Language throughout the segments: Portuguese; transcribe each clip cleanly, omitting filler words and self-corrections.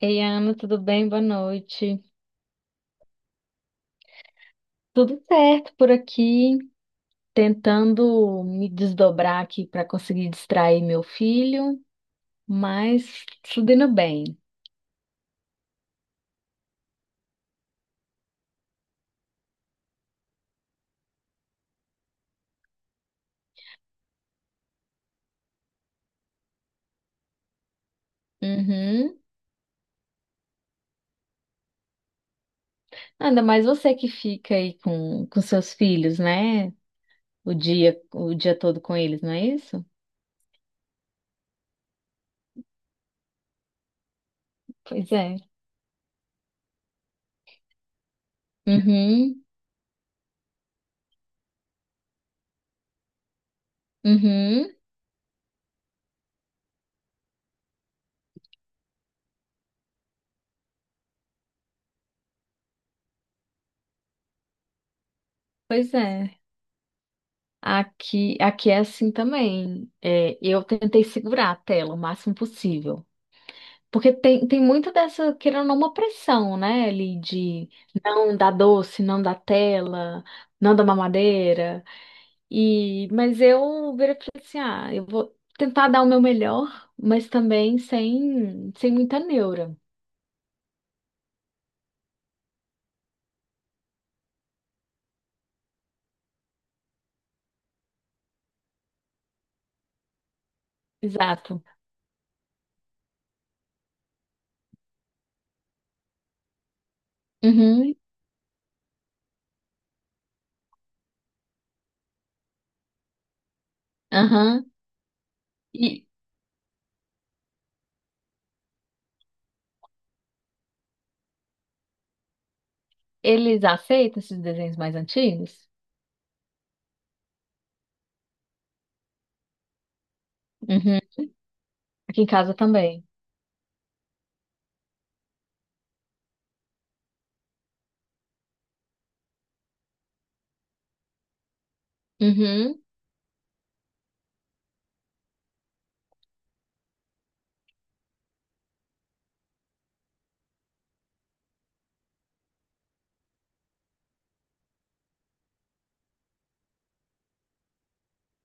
Ei, Ana, tudo bem? Boa noite. Tudo certo por aqui, tentando me desdobrar aqui para conseguir distrair meu filho, mas tudo indo bem. Uhum. Ainda mais você que fica aí com seus filhos, né? O dia todo com eles, não é isso? Pois é. Uhum, uhum. Pois é. Aqui é assim também. É, eu tentei segurar a tela o máximo possível. Porque tem muito dessa, querendo ou não, uma pressão, né, ali de não dar doce, não dar tela, não dar mamadeira. E, mas eu virei e falei assim, ah, eu vou tentar dar o meu melhor, mas também sem muita neura. Exato. Uhum, aham. E eles aceitam esses desenhos mais antigos? Uhum. Aqui em casa também. Uhum,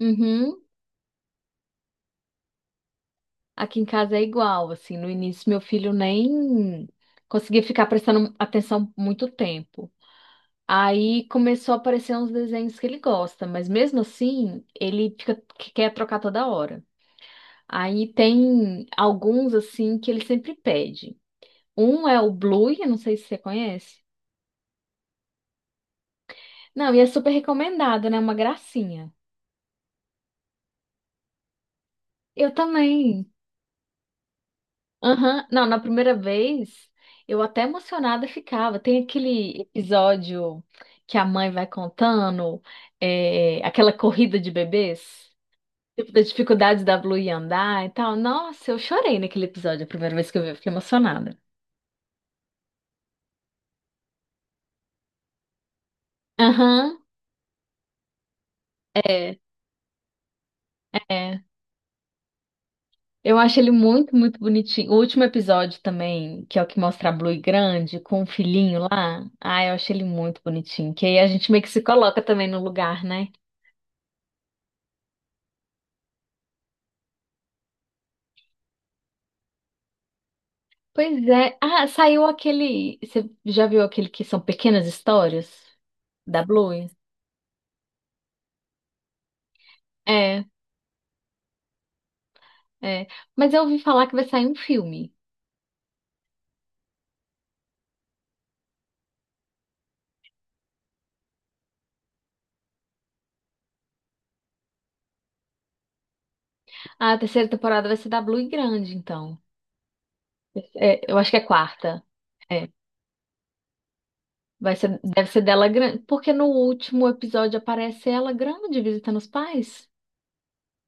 uhum. Aqui em casa é igual, assim, no início meu filho nem conseguia ficar prestando atenção muito tempo. Aí começou a aparecer uns desenhos que ele gosta, mas mesmo assim, ele fica que quer trocar toda hora. Aí tem alguns assim que ele sempre pede. Um é o Blue, eu não sei se você conhece. Não, e é super recomendado, né? Uma gracinha. Eu também. Aham. Não, na primeira vez eu até emocionada ficava. Tem aquele episódio que a mãe vai contando, é, aquela corrida de bebês, tipo, das dificuldades da Blue em andar e tal. Nossa, eu chorei naquele episódio, a primeira vez que eu vi, eu fiquei emocionada. Aham, é, é. Eu acho ele muito, muito bonitinho. O último episódio também, que é o que mostra a Blue grande com o filhinho lá. Ah, eu achei ele muito bonitinho. Que aí a gente meio que se coloca também no lugar, né? Pois é. Ah, saiu aquele. Você já viu aquele que são pequenas histórias da Bluey? É, é. Mas eu ouvi falar que vai sair um filme. A terceira temporada vai ser da Bluey grande, então. É, eu acho que é quarta. É. Vai ser, deve ser dela grande. Porque no último episódio aparece ela grande visitando os pais.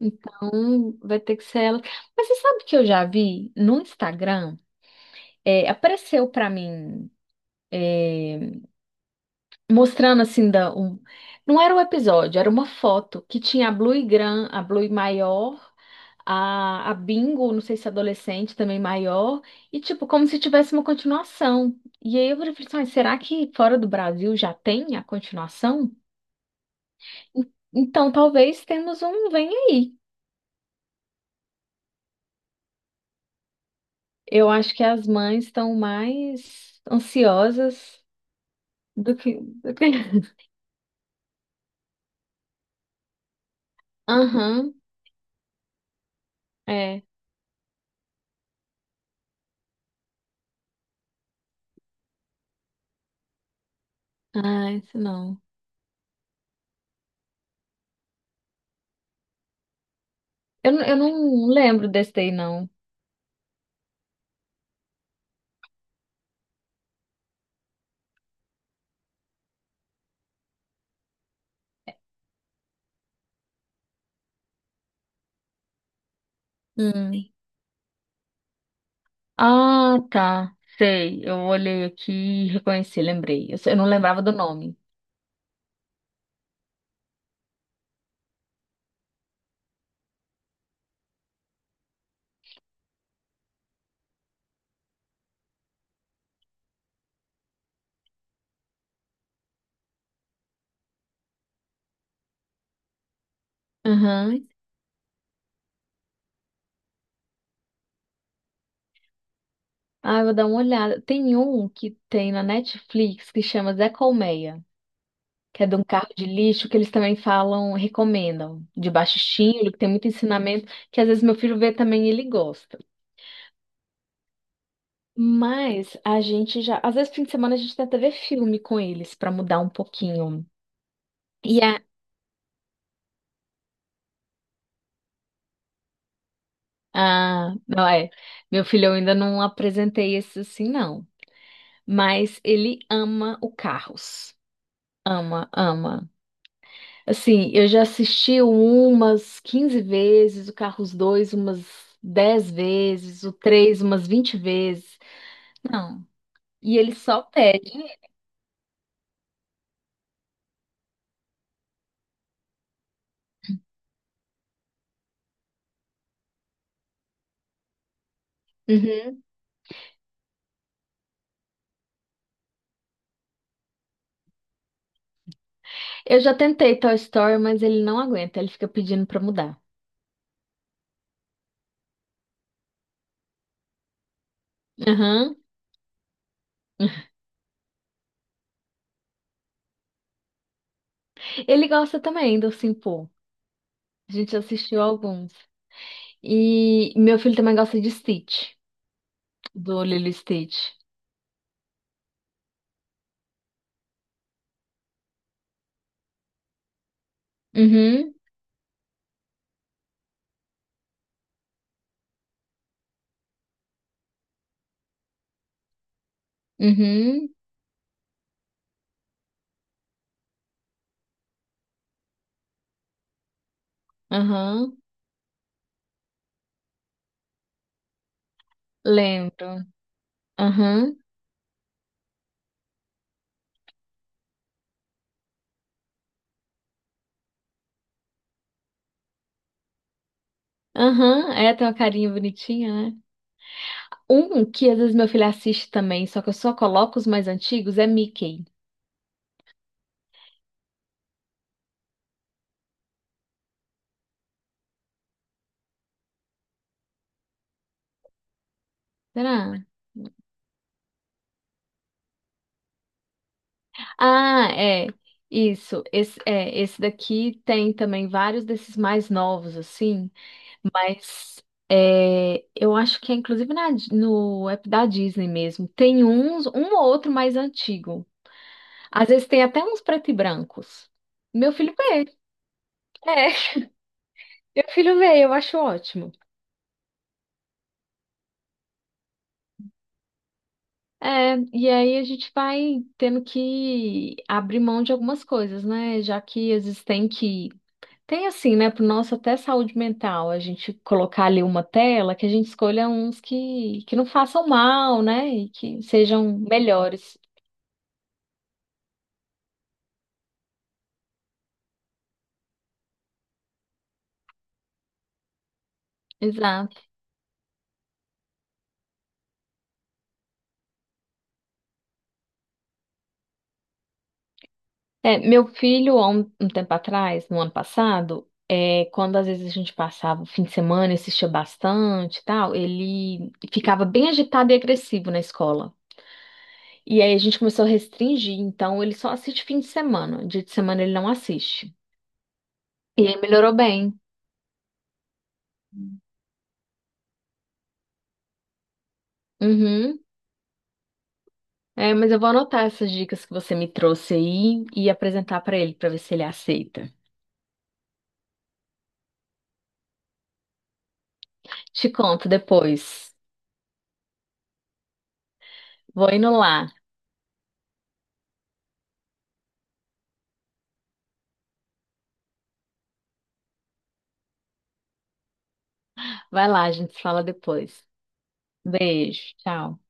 Então vai ter que ser ela. Mas você sabe que eu já vi no Instagram? É, apareceu pra mim. É, mostrando assim da um, não era um episódio, era uma foto que tinha a Blue maior, a Bingo, não sei se é adolescente também maior, e tipo como se tivesse uma continuação. E aí eu falei assim, "Ai, será que fora do Brasil já tem a continuação? Então talvez temos um vem aí. Eu acho que as mães estão mais ansiosas do que, Aham, é. Ah, isso não. Eu não lembro desse daí, não. Hum. Ah, tá. Sei. Eu olhei aqui e reconheci, lembrei. Eu não lembrava do nome. Aham. Ah, eu vou dar uma olhada. Tem um que tem na Netflix que chama Zé Colmeia, que é de um carro de lixo que eles também falam, recomendam, de baixo estímulo, que tem muito ensinamento, que às vezes meu filho vê também e ele gosta. Mas a gente já, às vezes fim de semana a gente tenta ver filme com eles pra mudar um pouquinho. E a, ah, não é, meu filho eu ainda não apresentei esse assim não. Mas ele ama o Carros. Ama, ama. Assim, eu já assisti umas 15 vezes, o Carros 2, umas 10 vezes, o 3, umas 20 vezes. Não. E ele só pede. Uhum. Eu já tentei Toy Story, mas ele não aguenta, ele fica pedindo pra mudar. Aham. Ele gosta também do Simple. A gente assistiu alguns. E meu filho também gosta de Stitch, do Lilo e Stitch. Uhum, uhum, aham. Lembro. Aham. Aham. É, tem uma carinha bonitinha, né? Um que às vezes meu filho assiste também, só que eu só coloco os mais antigos, é Mickey. Será? Ah, é. Isso. Esse, é, esse daqui tem também vários desses mais novos, assim. Mas é, eu acho que é inclusive na no app da Disney mesmo. Tem uns, um ou outro mais antigo. Às vezes tem até uns preto e brancos. Meu filho vê. É, meu filho vê, eu acho ótimo. É, e aí a gente vai tendo que abrir mão de algumas coisas, né? Já que às vezes tem que. Tem assim, né? Pro nosso até saúde mental, a gente colocar ali uma tela que a gente escolha uns que não façam mal, né? E que sejam melhores. Exato. É, meu filho, há um tempo atrás, no ano passado, é, quando às vezes a gente passava o fim de semana e assistia bastante e tal, ele ficava bem agitado e agressivo na escola. E aí a gente começou a restringir, então ele só assiste fim de semana. Dia de semana ele não assiste. E aí melhorou bem. Uhum. É, mas eu vou anotar essas dicas que você me trouxe aí e apresentar pra ele pra ver se ele aceita. Te conto depois. Vou indo lá. Vai lá, a gente se fala depois. Beijo, tchau.